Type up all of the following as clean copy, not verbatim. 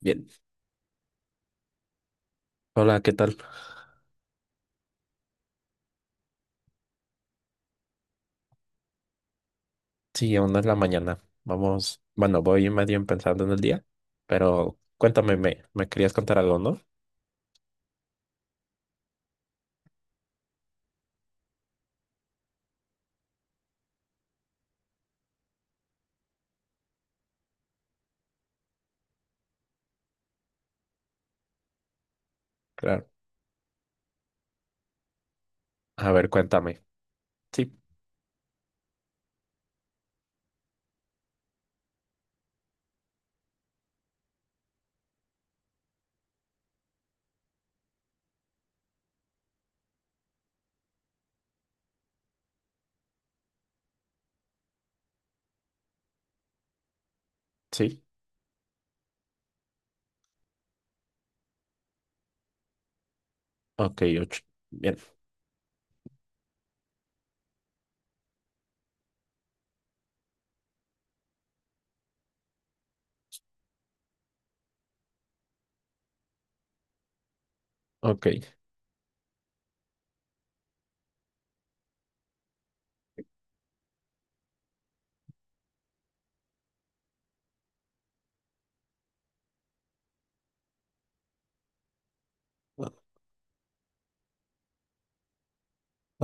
Bien. Hola, ¿qué tal? Sí, aún no es la mañana. Vamos, bueno, voy medio pensando en el día, pero cuéntame, me querías contar algo, ¿no? Claro. A ver, cuéntame. Sí, sí. Ok, ocho. Bien. Ok.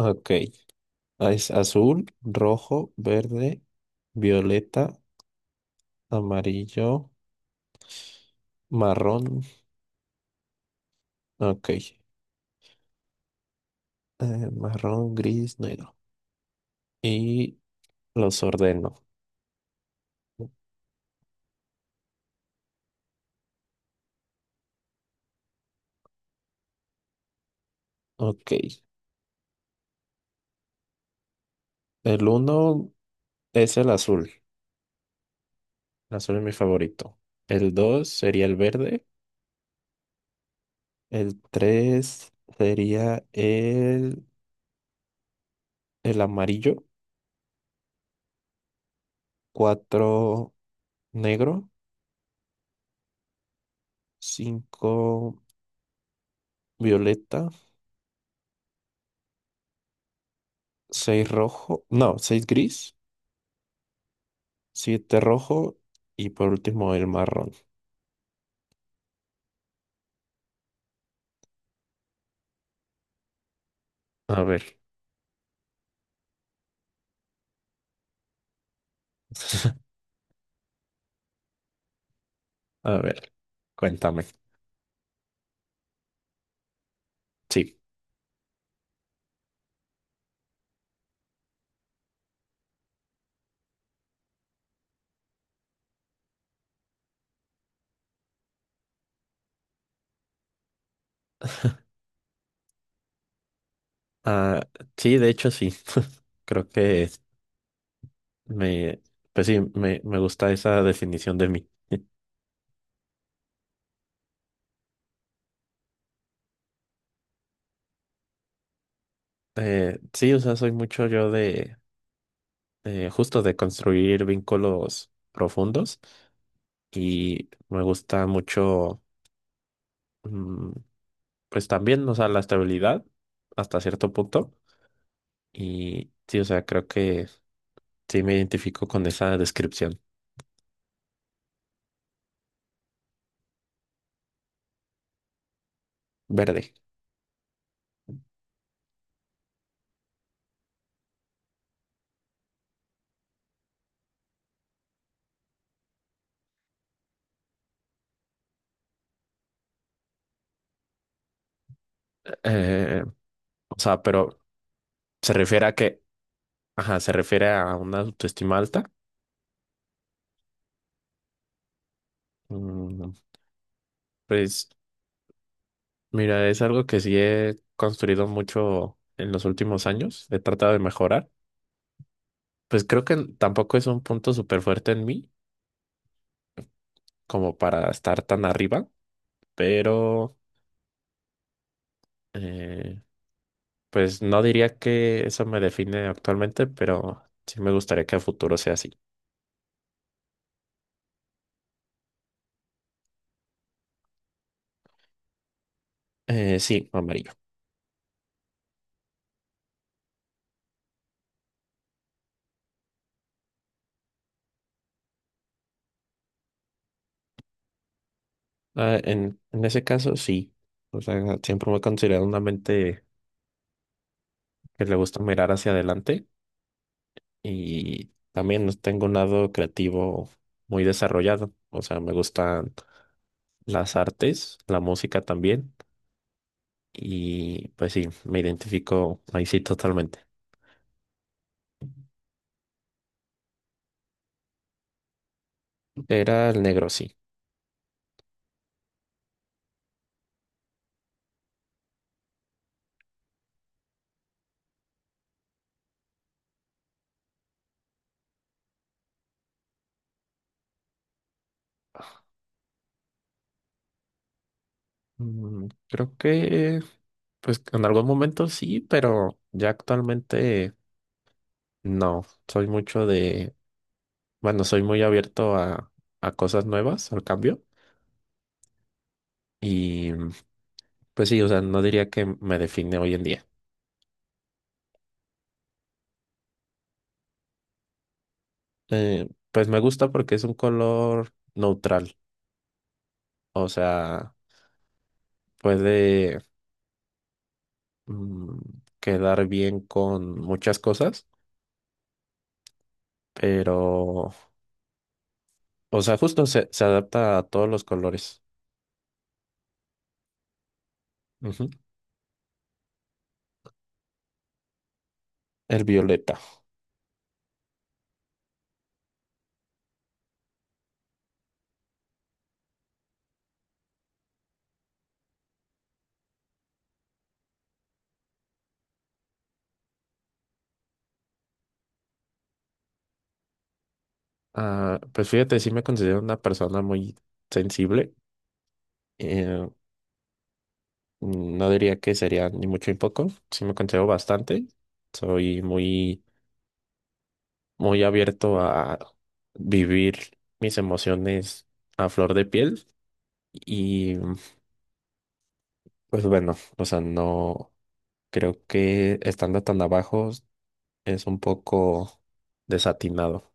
Ok. Es azul, rojo, verde, violeta, amarillo, marrón. Ok. Marrón, gris, negro. Y los ordeno. Ok. El uno es el azul. El azul es mi favorito. El dos sería el verde. El tres sería el amarillo. Cuatro negro. Cinco violeta. Seis rojo. No, seis gris. Siete rojo. Y por último el marrón. A ver. A ver. Cuéntame. Sí. Ah, sí, de hecho sí. Creo que me, pues sí, me gusta esa definición de mí. Sí, o sea, soy mucho yo de, justo de construir vínculos profundos y me gusta mucho, mm, pues también, o sea, la estabilidad hasta cierto punto. Y sí, o sea, creo que sí me identifico con esa descripción verde. Eh, o sea, pero se refiere a que ajá, se refiere a una autoestima alta. Mm, Pues mira, es algo que sí he construido mucho en los últimos años. He tratado de mejorar. Pues creo que tampoco es un punto súper fuerte en mí como para estar tan arriba, pero eh, pues no diría que eso me define actualmente, pero sí me gustaría que a futuro sea así. Sí, amarillo. Ah, en ese caso, sí. O sea, siempre me he considerado una mente que le gusta mirar hacia adelante y también no tengo un lado creativo muy desarrollado. O sea, me gustan las artes, la música también y pues sí, me identifico ahí sí totalmente. Era el negro, sí. Creo que pues en algún momento sí, pero ya actualmente no. Soy mucho de, bueno, soy muy abierto a cosas nuevas, al cambio. Y pues sí, o sea, no diría que me define hoy en día. Pues me gusta porque es un color neutral, o sea, puede mm, quedar bien con muchas cosas, pero, o sea, justo se adapta a todos los colores. Ujú. El violeta. Ah, pues fíjate, sí me considero una persona muy sensible. Eh, no diría que sería ni mucho ni poco, sí me considero bastante. Soy muy, muy abierto a vivir mis emociones a flor de piel y pues bueno, o sea, no creo que estando tan abajo es un poco desatinado.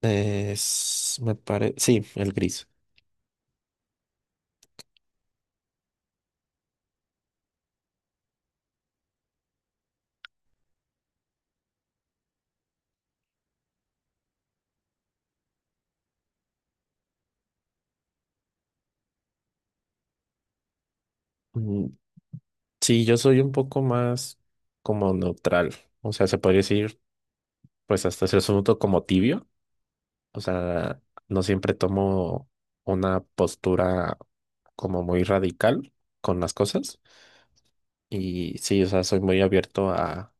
Es, me parece, sí, el gris. Mm, Sí, yo soy un poco más como neutral, o sea, se podría decir pues hasta cierto punto como tibio. O sea, no siempre tomo una postura como muy radical con las cosas. Y sí, o sea, soy muy abierto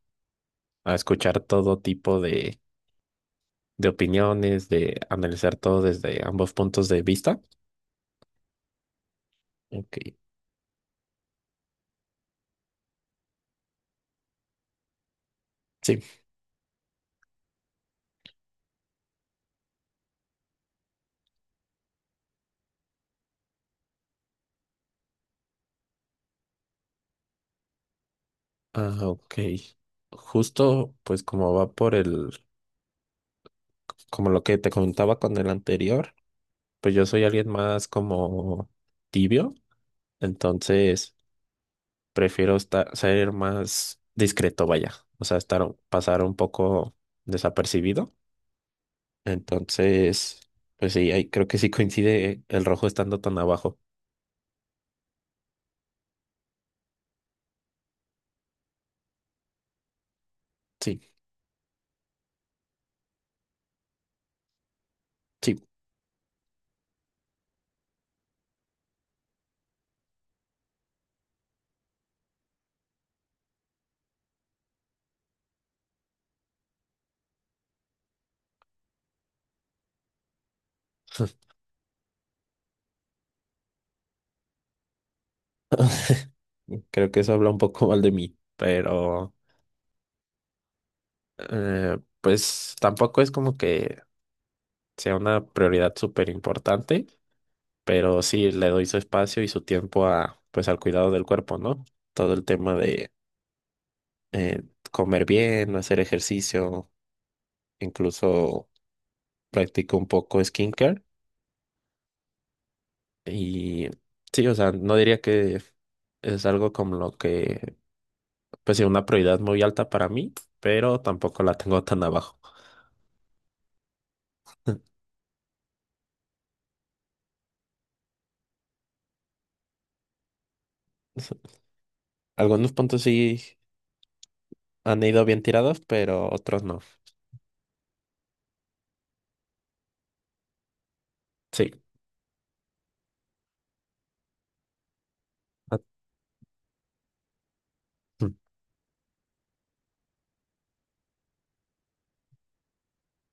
a escuchar todo tipo de opiniones, de analizar todo desde ambos puntos de vista. Ok, sí. Ah, ok. Justo, pues como va por el, como lo que te comentaba con el anterior, pues yo soy alguien más como tibio. Entonces prefiero estar, ser más discreto, vaya. O sea, estar, pasar un poco desapercibido. Entonces, pues sí, ahí creo que sí coincide el rojo estando tan abajo. Sí, sí. Creo que eso habla un poco mal de mí, pero pues tampoco es como que sea una prioridad súper importante, pero sí le doy su espacio y su tiempo a, pues al cuidado del cuerpo, ¿no? Todo el tema de eh, comer bien, hacer ejercicio, incluso practico un poco skincare y sí, o sea, no diría que es algo como lo que, pues sí, una prioridad muy alta para mí, pero tampoco la tengo tan abajo. Algunos puntos sí han ido bien tirados, pero otros no. Sí. A- mm,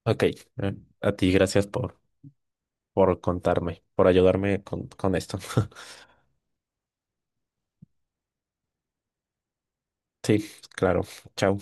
Ok. A ti, gracias por contarme, por ayudarme con esto. Sí, claro. Chao.